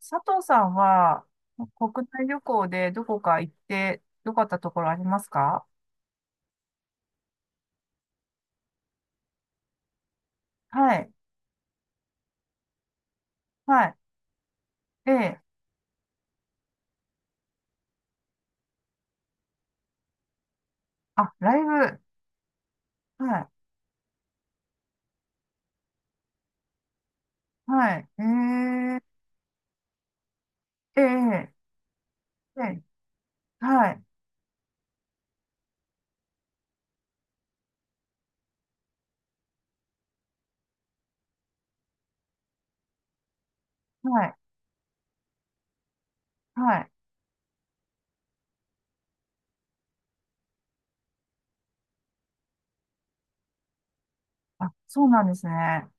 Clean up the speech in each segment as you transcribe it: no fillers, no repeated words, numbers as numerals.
佐藤さんは、国内旅行でどこか行って良かったところありますか？はい。はい。ええ。あ、ライブ。はい。はい。ええ。ええ。ええ。はい。はい。はい。あ、そうなんですね。は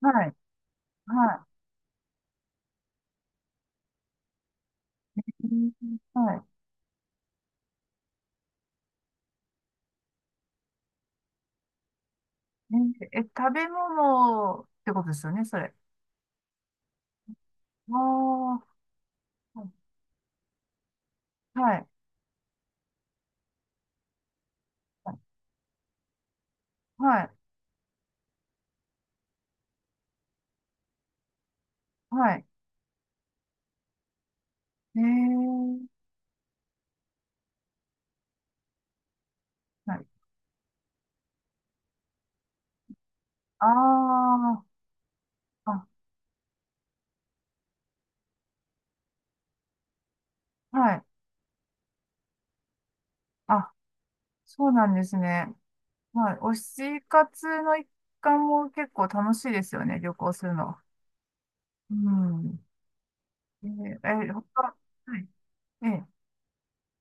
い。はい。うん。はい。ええ、食べ物ってことですよね、それ。ああ。はい。はい。はい。ええ。はい。ああ。あ、はい。あ、そうなんですね。まあ、推し活の一環も結構楽しいですよね、旅行するの。うん。えー、え他、はい。ええ、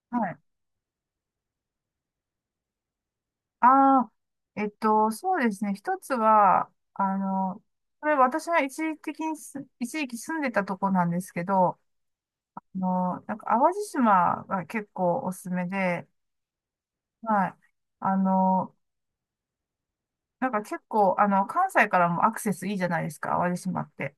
はい。ああ、そうですね。一つは、これ私が一時的にす、一時期住んでたとこなんですけど、なんか淡路島が結構おすすめで、はい。あの、なんか結構、関西からもアクセスいいじゃないですか、淡路島って。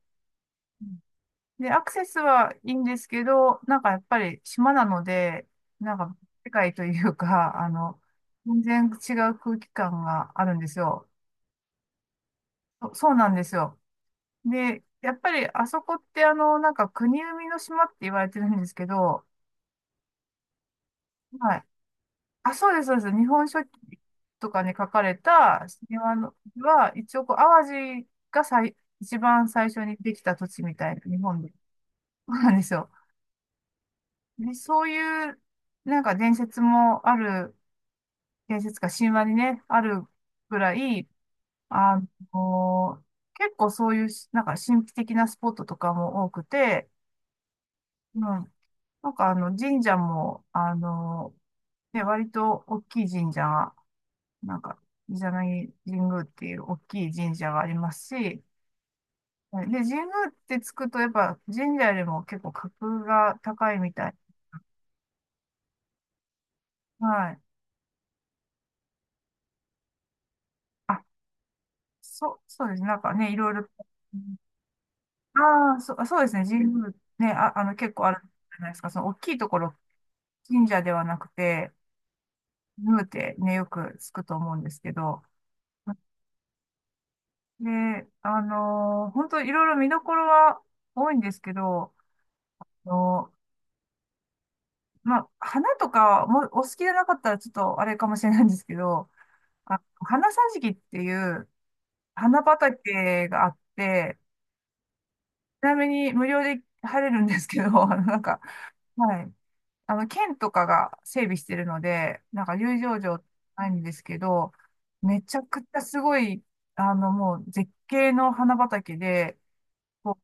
で、アクセスはいいんですけど、なんかやっぱり島なので、なんか世界というか、全然違う空気感があるんですよ。そうなんですよ。で、やっぱりあそこってなんか国生みの島って言われてるんですけど、はい。あ、そうです、そうです。日本書紀とかに書かれた島のは、一応こう、淡路が最、一番最初にできた土地みたいな、日本で。そうなんですよ。ね、そういう、なんか伝説もある、伝説か神話にね、あるぐらい、あの、結構そういう、なんか神秘的なスポットとかも多くて、うん、神社も、ね、割と大きい神社が、なんか、伊邪那木神宮っていう大きい神社がありますし、で、神宮ってつくと、やっぱ神社よりも結構格が高いみたい。はい。あ、そう、そうです。なんかね、いろいろ。ああ、そうですね。神宮ね、結構あるじゃないですか。その大きいところ、神社ではなくて、神宮ってね、よくつくと思うんですけど。で、本当いろいろ見どころは多いんですけど、あのまあ、花とかもお好きじゃなかったらちょっとあれかもしれないんですけど、あ、花桟敷っていう花畑があって、ちなみに無料で入れるんですけど、はい。県とかが整備してるので、なんか入場料ないんですけど、めちゃくちゃすごい、もう絶景の花畑で、こう、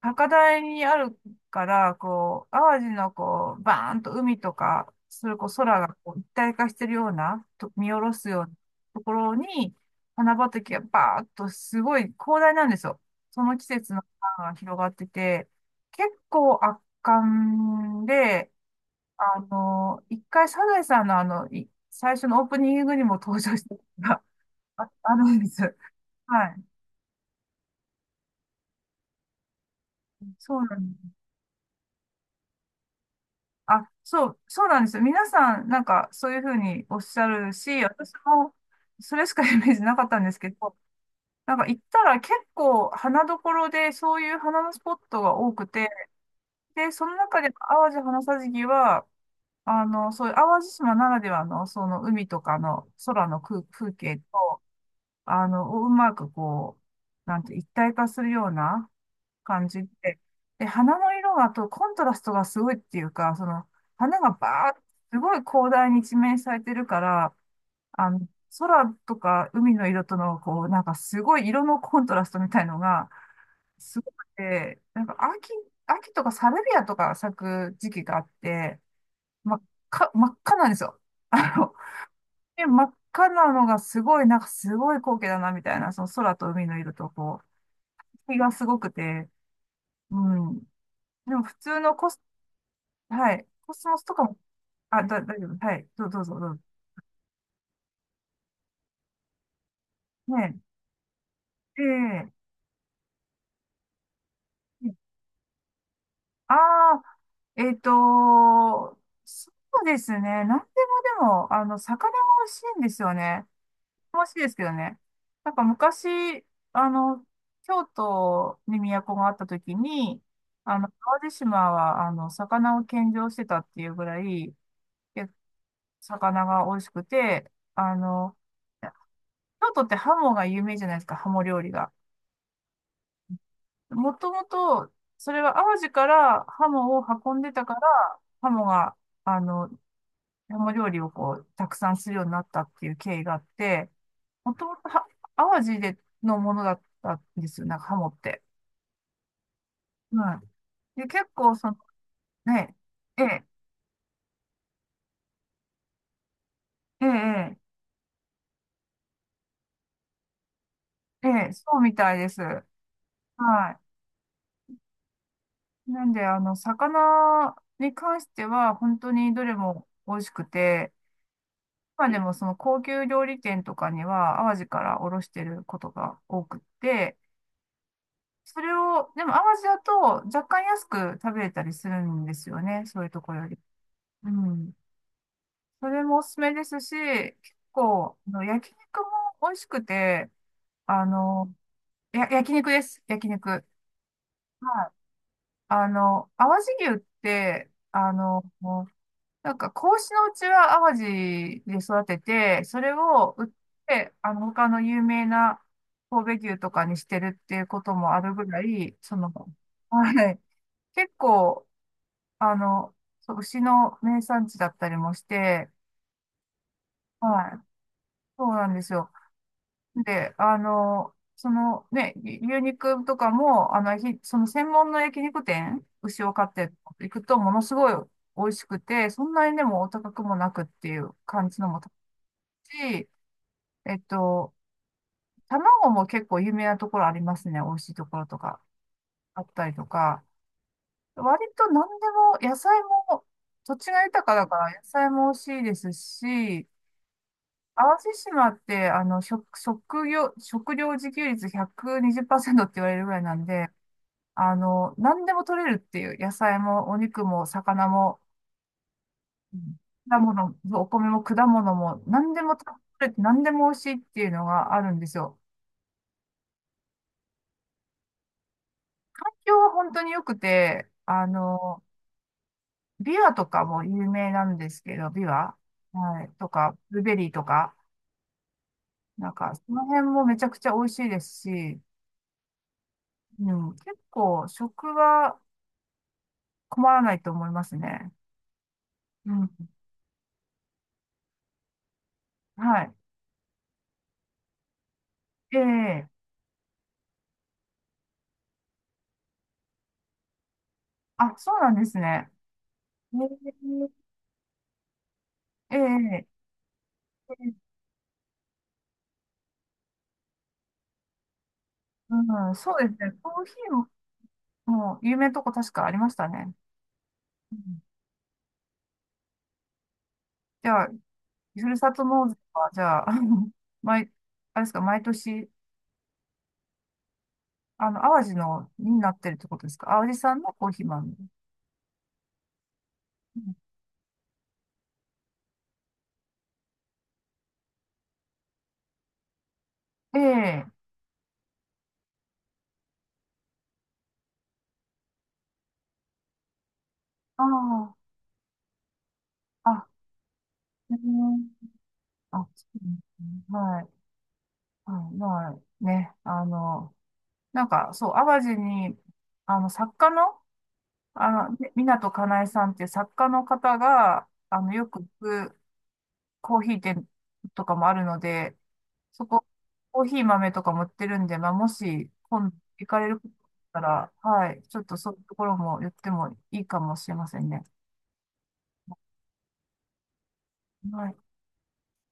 高台にあるから、こう、淡路のこう、バーンと海とか、それこそ空がこう一体化してるような、と見下ろすようなところに、花畑がバーっとすごい広大なんですよ。その季節の花が広がってて、結構圧巻で、一回、サザエさんの最初のオープニングにも登場したことがあるんです。はい。そうなんです。あ、そう、そうなんですよ。皆さん、なんか、そういうふうにおっしゃるし、私も、それしかイメージなかったんですけど、なんか行ったら結構花どころで、そういう花のスポットが多くて、で、その中で淡路花さじきは、そういう淡路島ならではの、その海とかの空の空、風景と、うまくこう、なんて、一体化するような感じで、で、花の色がとコントラストがすごいっていうか、その、花がバーッ、すごい広大に一面されてるから、あの、空とか海の色との、こう、なんかすごい色のコントラストみたいのが、すごくて、秋とかサルビアとか咲く時期があって、ま、真っ赤なんですよ。あので、真っ赤なのがすごい、なんかすごい光景だな、みたいな、その空と海の色と、こう、日がすごくて、うん。でも普通のコス、はい、コスモスとかも、あ、大丈夫、はい、どうぞ、どうぞ。ね、で、ああ、えっと、そうですね、なんでもでも、魚が美味しいんですよね。楽しいですけどね。なんか昔、あの、京都に都があった時に、あの、淡路島は、魚を献上してたっていうぐらい、え魚が美味しくて、京都ってハモが有名じゃないですか、ハモ料理が。もともと、それは淡路からハモを運んでたから、ハモが、あの、山料理をこう、たくさんするようになったっていう経緯があって、もともとは、淡路でのものだったんですよ、なんかハモって。はい。で、結構、その、ね、ええ、ええ、ええ、ええそうみたいです。はい。なんで、魚に関しては、本当にどれも美味しくて、今でもその高級料理店とかには、淡路から卸してることが多くって、それを、でも淡路だと若干安く食べれたりするんですよね。そういうところより。うん。それもおすすめですし、結構、焼肉も美味しくて、あの、焼肉です。焼肉。はい。淡路牛って、もうなんか、子牛のうちは淡路で育てて、それを売って、他の有名な神戸牛とかにしてるっていうこともあるぐらい、その、はい。結構、あの、そう、牛の名産地だったりもして、はい、そうなんですよ。で、そのね、牛肉とかも、その専門の焼肉店、牛を飼っていくと、ものすごい美味しくて、そんなにでもお高くもなくっていう感じのも高いし、えっと、卵も結構有名なところありますね。美味しいところとかあったりとか、割と何でも、野菜も、土地が豊かだから野菜も美味しいですし、淡路島って、食料自給率120%っパーセントって言われるぐらいなんで、何でも取れるっていう、野菜もお肉も魚も、うん、果物、お米も果物も、何でも取れて、何でも美味しいっていうのがあるんですよ。東京は本当に良くて、ビワとかも有名なんですけど、ビワ、はい、とか、ブルーベリーとか、なんか、その辺もめちゃくちゃ美味しいですし、うん、結構、食は、困らないと思いますね。うん。はい。ええ、あ、そうなんですね。ええ、ええ、ええ、うん、そうですね。コーヒーも、もう有名なとこ確かありましたね。うん。じゃあ、ふるさと納税は、じゃあ、毎、あれですか、毎年、淡路の、になってるってことですか？淡路さんのコーヒー豆。うん。ええ。ああ、あ、うん、あ、そうですね。はい、はい、まあね、なんか、そう、淡路に、作家の、港かなえさんっていう作家の方が、よく行くコーヒー店とかもあるので、そこ、コーヒー豆とかも売ってるんで、まあ、もし、今度行かれることがあったら、はい、ちょっとそういうところも言ってもいいかもしれませんね。はい。